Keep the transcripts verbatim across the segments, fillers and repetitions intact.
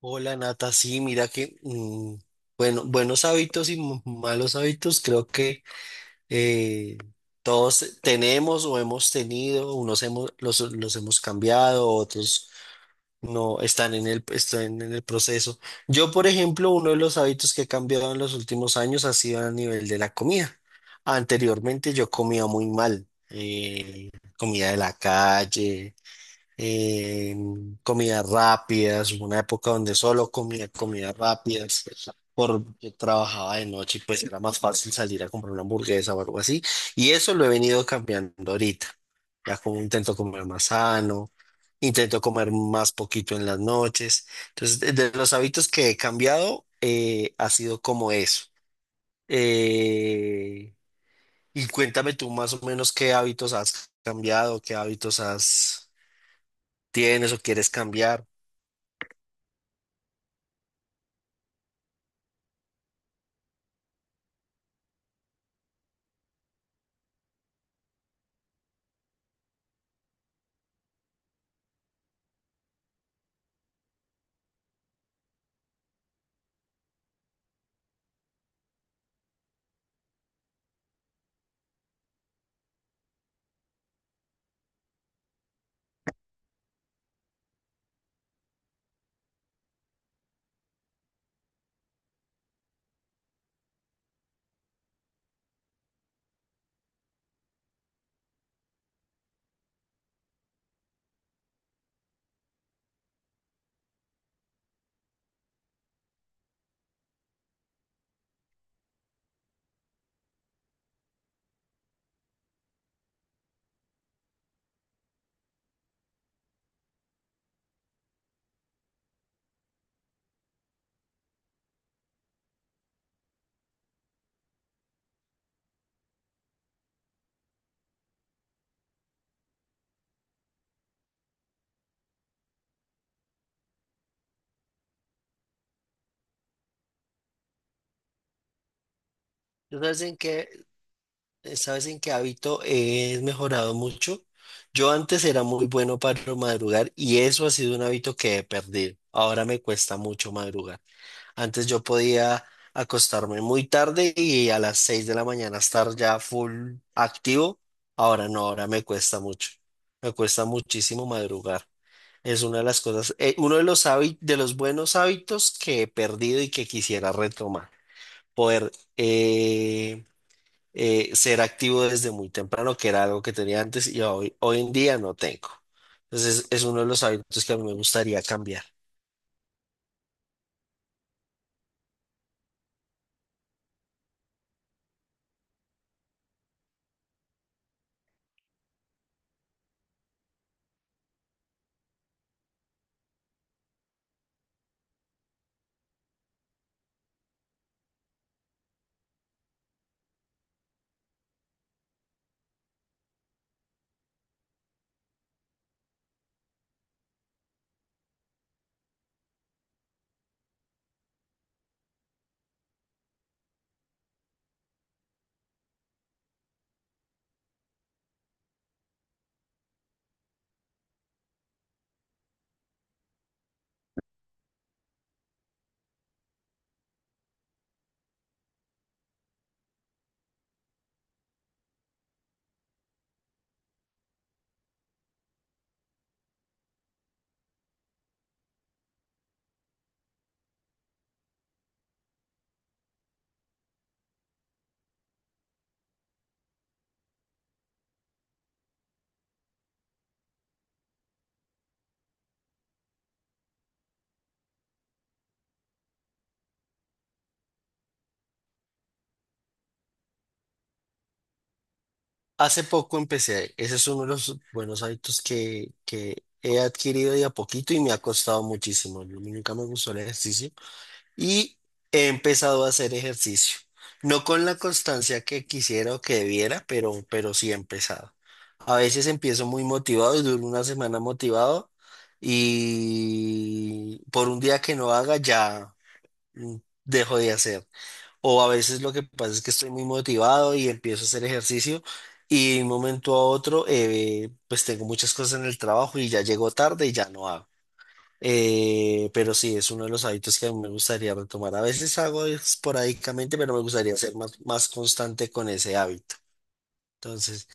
Hola Nata, sí, mira que, mm, bueno, buenos hábitos y m- malos hábitos, creo que eh, todos tenemos o hemos tenido, unos hemos, los, los hemos cambiado, otros no están en el, están en el proceso. Yo, por ejemplo, uno de los hábitos que he cambiado en los últimos años ha sido a nivel de la comida. Anteriormente yo comía muy mal, eh, comida de la calle eh, comidas rápidas, hubo una época donde solo comía comidas rápidas, porque trabajaba de noche y pues era más fácil salir a comprar una hamburguesa o algo así, y eso lo he venido cambiando ahorita, ya como intento comer más sano, intento comer más poquito en las noches, entonces de, de los hábitos que he cambiado eh, ha sido como eso. Eh, y cuéntame tú más o menos qué hábitos has cambiado, qué hábitos has tienes o quieres cambiar. Yo sabes en qué, eh, sabes en qué hábito he mejorado mucho. Yo antes era muy bueno para madrugar y eso ha sido un hábito que he perdido. Ahora me cuesta mucho madrugar. Antes yo podía acostarme muy tarde y a las seis de la mañana estar ya full activo. Ahora no, ahora me cuesta mucho. Me cuesta muchísimo madrugar. Es una de las cosas, eh, uno de los hábitos, de los buenos hábitos que he perdido y que quisiera retomar. Poder eh, eh, ser activo desde muy temprano, que era algo que tenía antes y hoy, hoy en día no tengo. Entonces es uno de los hábitos que a mí me gustaría cambiar. Hace poco empecé, ese es uno de los buenos hábitos que, que he adquirido de a poquito y me ha costado muchísimo. Yo Nunca me gustó el ejercicio. Y he empezado a hacer ejercicio. No con la constancia que quisiera o que debiera, pero, pero sí he empezado. A veces empiezo muy motivado y duro una semana motivado y por un día que no haga ya mm, dejo de hacer. O a veces lo que pasa es que estoy muy motivado y empiezo a hacer ejercicio y de un momento a otro eh, pues tengo muchas cosas en el trabajo y ya llego tarde y ya no hago. Eh, pero sí, es uno de los hábitos que a mí me gustaría retomar. A veces hago esporádicamente, pero me gustaría ser más, más constante con ese hábito. Entonces,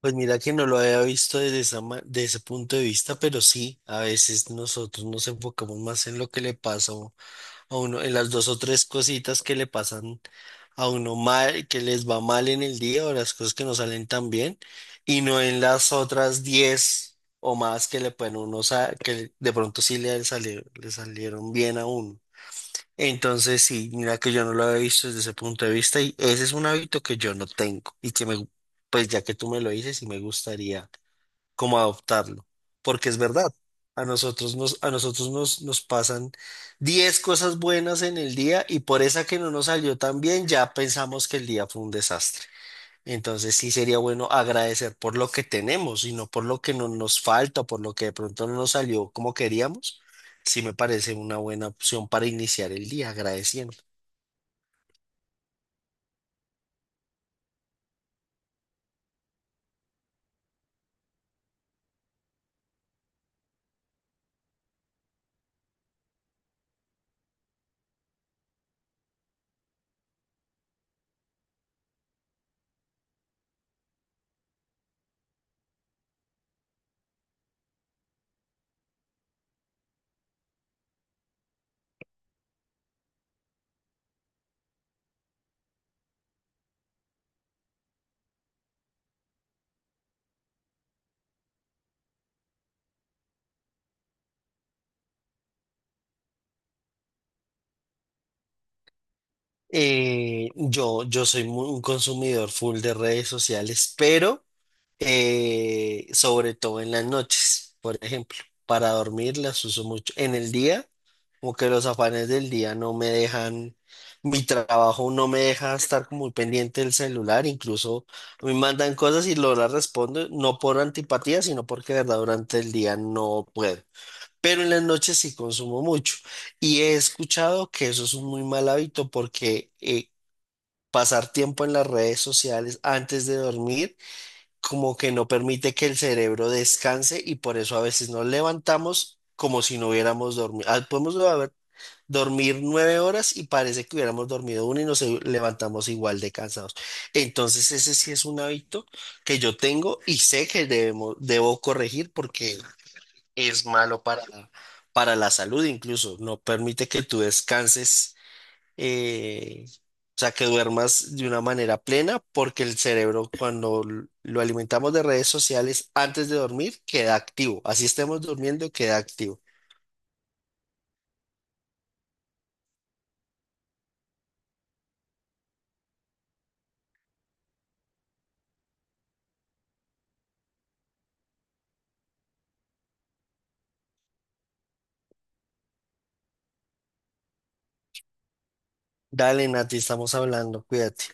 pues mira que no lo había visto desde esa, ma- de ese punto de vista, pero sí, a veces nosotros nos enfocamos más en lo que le pasa a uno, en las dos o tres cositas que le pasan a uno mal, que les va mal en el día o las cosas que no salen tan bien, y no en las otras diez o más que le pueden uno, sa- que de pronto sí le salieron, le salieron bien a uno. Entonces, sí, mira que yo no lo había visto desde ese punto de vista y ese es un hábito que yo no tengo y que me, gu- pues ya que tú me lo dices y me gustaría como adoptarlo, porque es verdad. A nosotros nos, a nosotros nos, nos pasan diez cosas buenas en el día y por esa que no nos salió tan bien, ya pensamos que el día fue un desastre. Entonces sí sería bueno agradecer por lo que tenemos y no por lo que no nos falta, por lo que de pronto no nos salió como queríamos. Sí me parece una buena opción para iniciar el día agradeciendo. Eh, yo, yo soy muy- un consumidor full de redes sociales, pero eh, sobre todo en las noches, por ejemplo. Para dormir las uso mucho. En el día, como que los afanes del día no me dejan, mi trabajo no me deja estar como muy pendiente del celular, incluso me mandan cosas y lo las respondo, no por antipatía, sino porque de verdad durante el día no puedo. Pero en las noches sí consumo mucho. Y he escuchado que eso es un muy mal hábito porque eh, pasar tiempo en las redes sociales antes de dormir como que no permite que el cerebro descanse y por eso a veces nos levantamos como si no hubiéramos dormido. Ah, podemos do- haber- dormir nueve horas y parece que hubiéramos dormido una y nos e- levantamos igual de cansados. Entonces ese sí es un hábito que yo tengo y sé que debemos, debo corregir porque es malo para, para la salud incluso. No permite que tú descanses eh, o sea, que duermas de una manera plena, porque el cerebro cuando l- lo alimentamos de redes sociales antes de dormir queda activo. Así estemos durmiendo, queda activo. Dale, Nati, estamos hablando, cuídate.